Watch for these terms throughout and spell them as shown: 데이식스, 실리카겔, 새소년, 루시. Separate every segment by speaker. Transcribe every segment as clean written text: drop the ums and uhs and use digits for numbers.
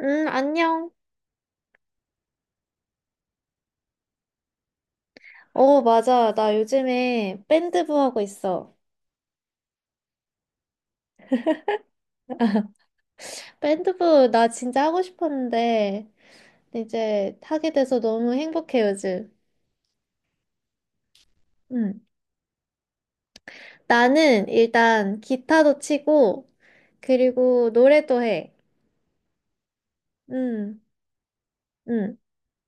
Speaker 1: 응, 안녕. 어, 맞아. 나 요즘에 밴드부 하고 있어. 밴드부 나 진짜 하고 싶었는데 이제 하게 돼서 너무 행복해 요즘. 응. 나는 일단 기타도 치고 그리고 노래도 해. 응, 응,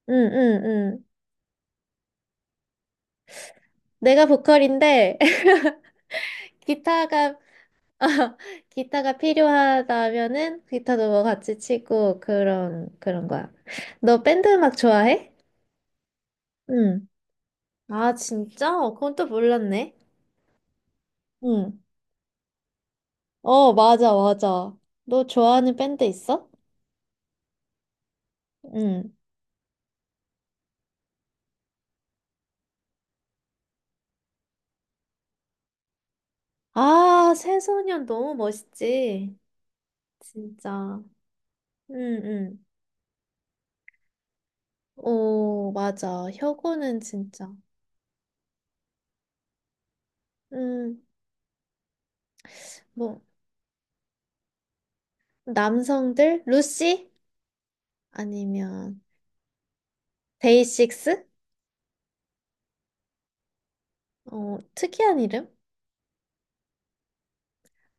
Speaker 1: 응, 응, 응. 내가 보컬인데 기타가 기타가 필요하다면은 기타도 뭐 같이 치고 그런 거야. 너 밴드 음악 좋아해? 응. 아, 진짜? 어, 그건 또 몰랐네. 응. 어, 맞아, 맞아. 너 좋아하는 밴드 있어? 응. 아, 새소년 너무 멋있지. 진짜. 응, 응. 오, 맞아. 혁오는 진짜. 음, 뭐, 남성들? 루시? 아니면, 데이식스? 어, 특이한 이름?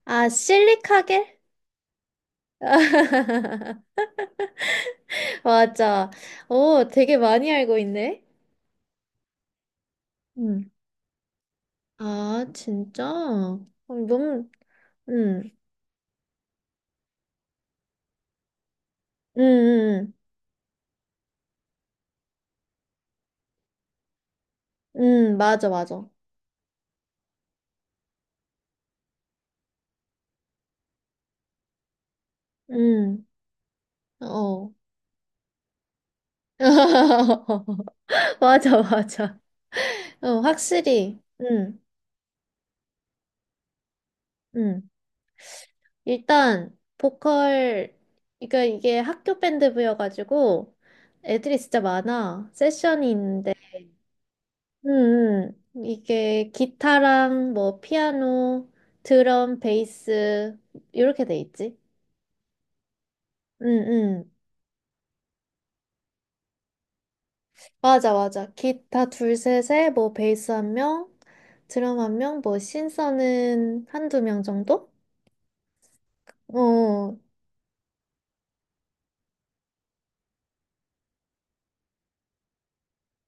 Speaker 1: 아, 실리카겔? 맞아. 오, 되게 많이 알고 있네. 음. 아, 진짜? 어, 너무, 응, 응, 응, 응, 응, 맞아, 맞아. 응, 어. 맞아, 맞아. 어, 확실히, 응, 응. 일단, 보컬, 그러니까 이게 학교 밴드부여가지고, 애들이 진짜 많아. 세션이 있는데, 응, 응. 이게 기타랑 뭐, 피아노, 드럼, 베이스, 이렇게 돼 있지. 응, 응. 맞아, 맞아. 기타 둘, 셋에 뭐 베이스 한 명, 드럼 한 명, 뭐 신서는 한두 명 정도? 어,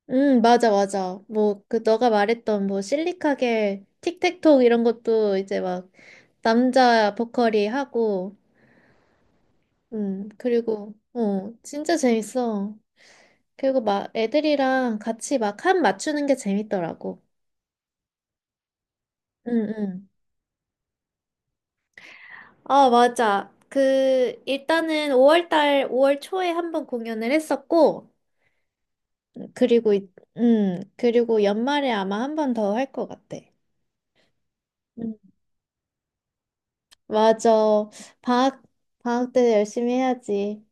Speaker 1: 맞아, 맞아. 뭐 그 너가 말했던 뭐 실리카겔, 틱택톡 이런 것도 이제 막 남자 보컬이 하고, 그리고 어, 진짜 재밌어. 그리고 막 애들이랑 같이 막 한 맞추는 게 재밌더라고. 응, 응. 아, 맞아. 그, 일단은 5월달, 5월 초에 한 번 공연을 했었고, 그리고, 이- 그리고 연말에 아마 한 번 더 할 것 같아. 음, 맞아. 방학, 방학 때 열심히 해야지.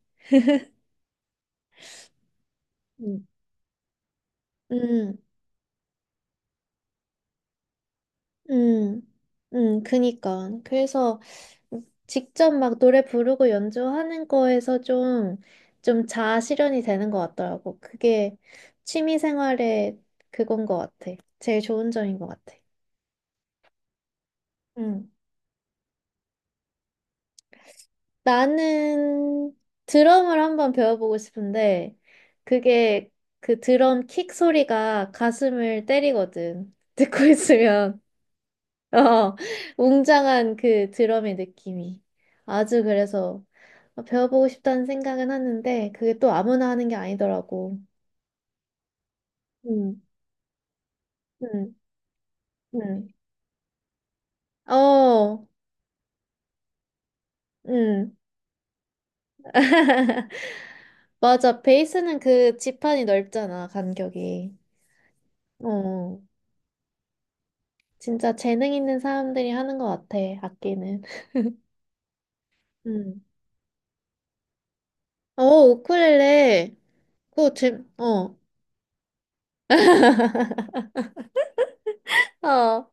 Speaker 1: 음. 음, 음, 그니까. 그래서 직접 막 노래 부르고 연주하는 거에서 좀, 좀 자아 실현이 되는 것 같더라고. 그게 취미 생활의 그건 것 같아. 제일 좋은 점인 것 같아. 음. 나는 드럼을 한번 배워보고 싶은데, 그게 그 드럼 킥 소리가 가슴을 때리거든. 듣고 있으면. 어, 웅장한 그 드럼의 느낌이. 아주 그래서 배워보고 싶다는 생각은 하는데, 그게 또 아무나 하는 게 아니더라고. 음, 음, 음. 어, 음. 맞아. 베이스는 그 지판이 넓잖아, 간격이. 어. 진짜 재능 있는 사람들이 하는 것 같아, 악기는. 음. 어, 우쿨렐레. 그거 재, 어. 어,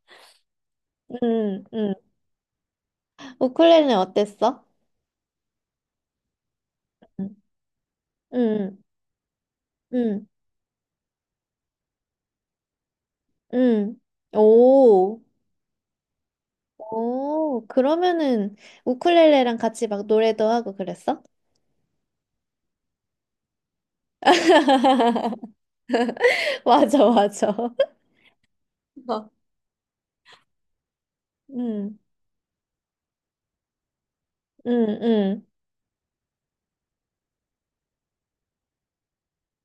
Speaker 1: 음, 음. 우쿨렐레는 어땠어? 음, 음, 음, 음. 오, 오. 그러면은 우쿨렐레랑 같이 막 노래도 하고 그랬어? 맞아, 맞아. 어. 음, 음, 음.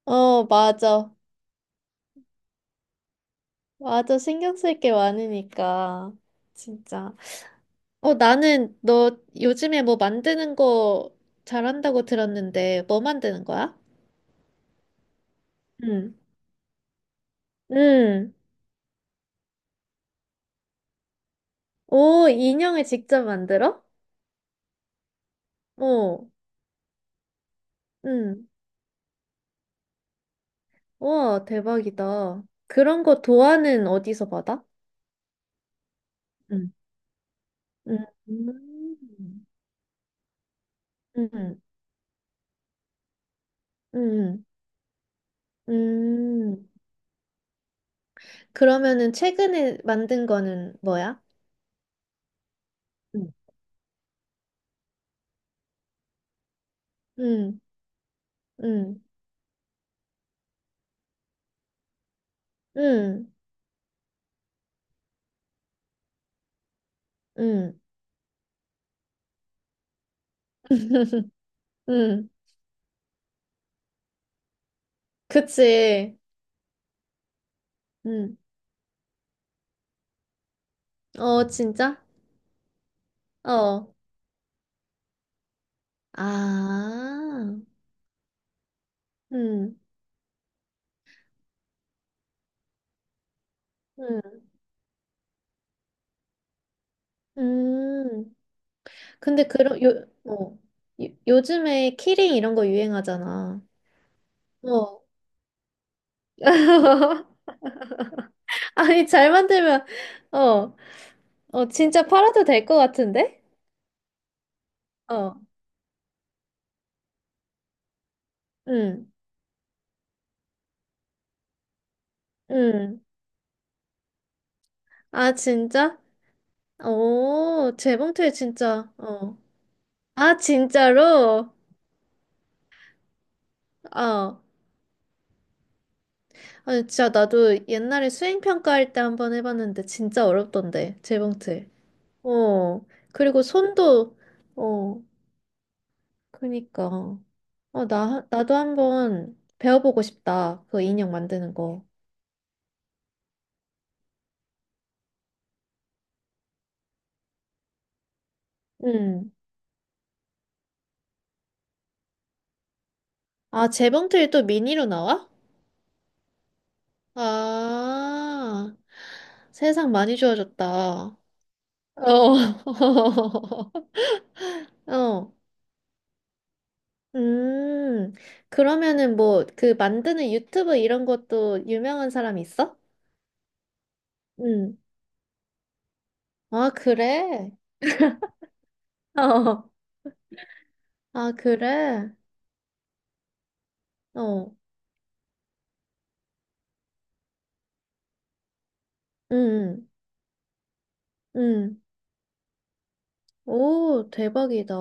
Speaker 1: 어, 맞아. 맞아. 신경 쓸 게 많으니까. 진짜. 어, 나는 너 요즘에 뭐 만드는 거 잘한다고 들었는데, 뭐 만드는 거야? 응. 응. 오, 인형을 직접 만들어? 어, 응. 와, 대박이다. 그런 거 도안은 어디서 받아? 응. 응. 음. 응. 응. 음. 그러면은 최근에 만든 거는 뭐야? 응. 응. 응. 응. 응. 응. 그치. 응. 어, 진짜? 어. 아. 음. 음. 음. 근데 그런 요 어. 요즘에 키링 이런 거 유행하잖아. 어. 아니 잘 만들면 어. 어 진짜 팔아도 될 것 같은데? 어. 음. 음. 아 진짜? 오, 재봉틀 진짜. 어. 아 진짜로? 어. 아니 진짜 나도 옛날에 수행평가할 때 한번 해봤는데 진짜 어렵던데 재봉틀. 어, 그리고 손도, 어, 그니까. 어, 나도 한번 배워보고 싶다. 그 인형 만드는 거. 응. 아, 재봉틀이 또 미니로 나와? 아, 세상 많이 좋아졌다. 어. 어. 음, 그러면은 뭐, 그 만드는 유튜브 이런 것도 유명한 사람 있어? 응. 아, 그래? 어. 아, 그래? 어. 응. 응. 응. 오, 대박이다.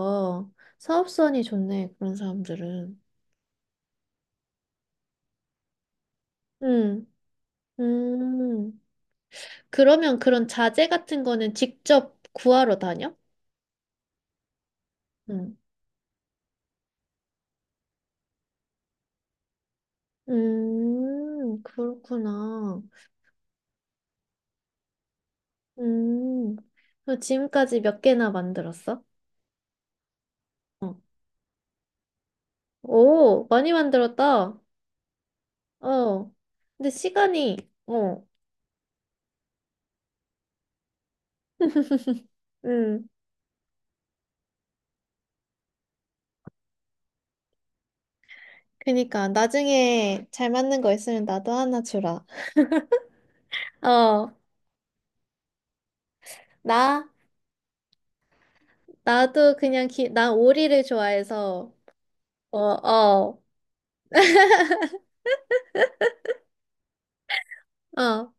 Speaker 1: 사업성이 좋네, 그런 사람들은. 응. 음. 그러면 그런 자재 같은 거는 직접 구하러 다녀? 응. 그렇구나. 음. 그럼 지금까지 몇 개나 만들었어? 어. 오, 많이 만들었다. 어. 근데 시간이, 어. 음. 그니까, 나중에 잘 맞는 거 있으면 나도 하나 주라. 어. 나? 나도 그냥 기, 난 오리를 좋아해서, 어, 어, 어,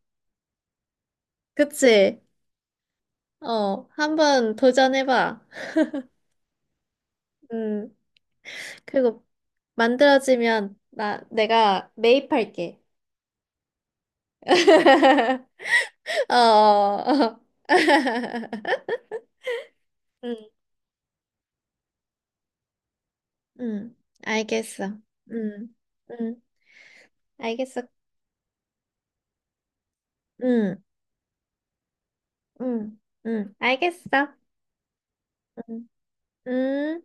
Speaker 1: 그치? 어, 한번 도전해봐. 음, 그리고 만들어지면 나, 내가 매입할게. 어, 어. 음, 음, 알겠어. 음, 음, 알겠어. 음, 음, 알겠어. 음, 음.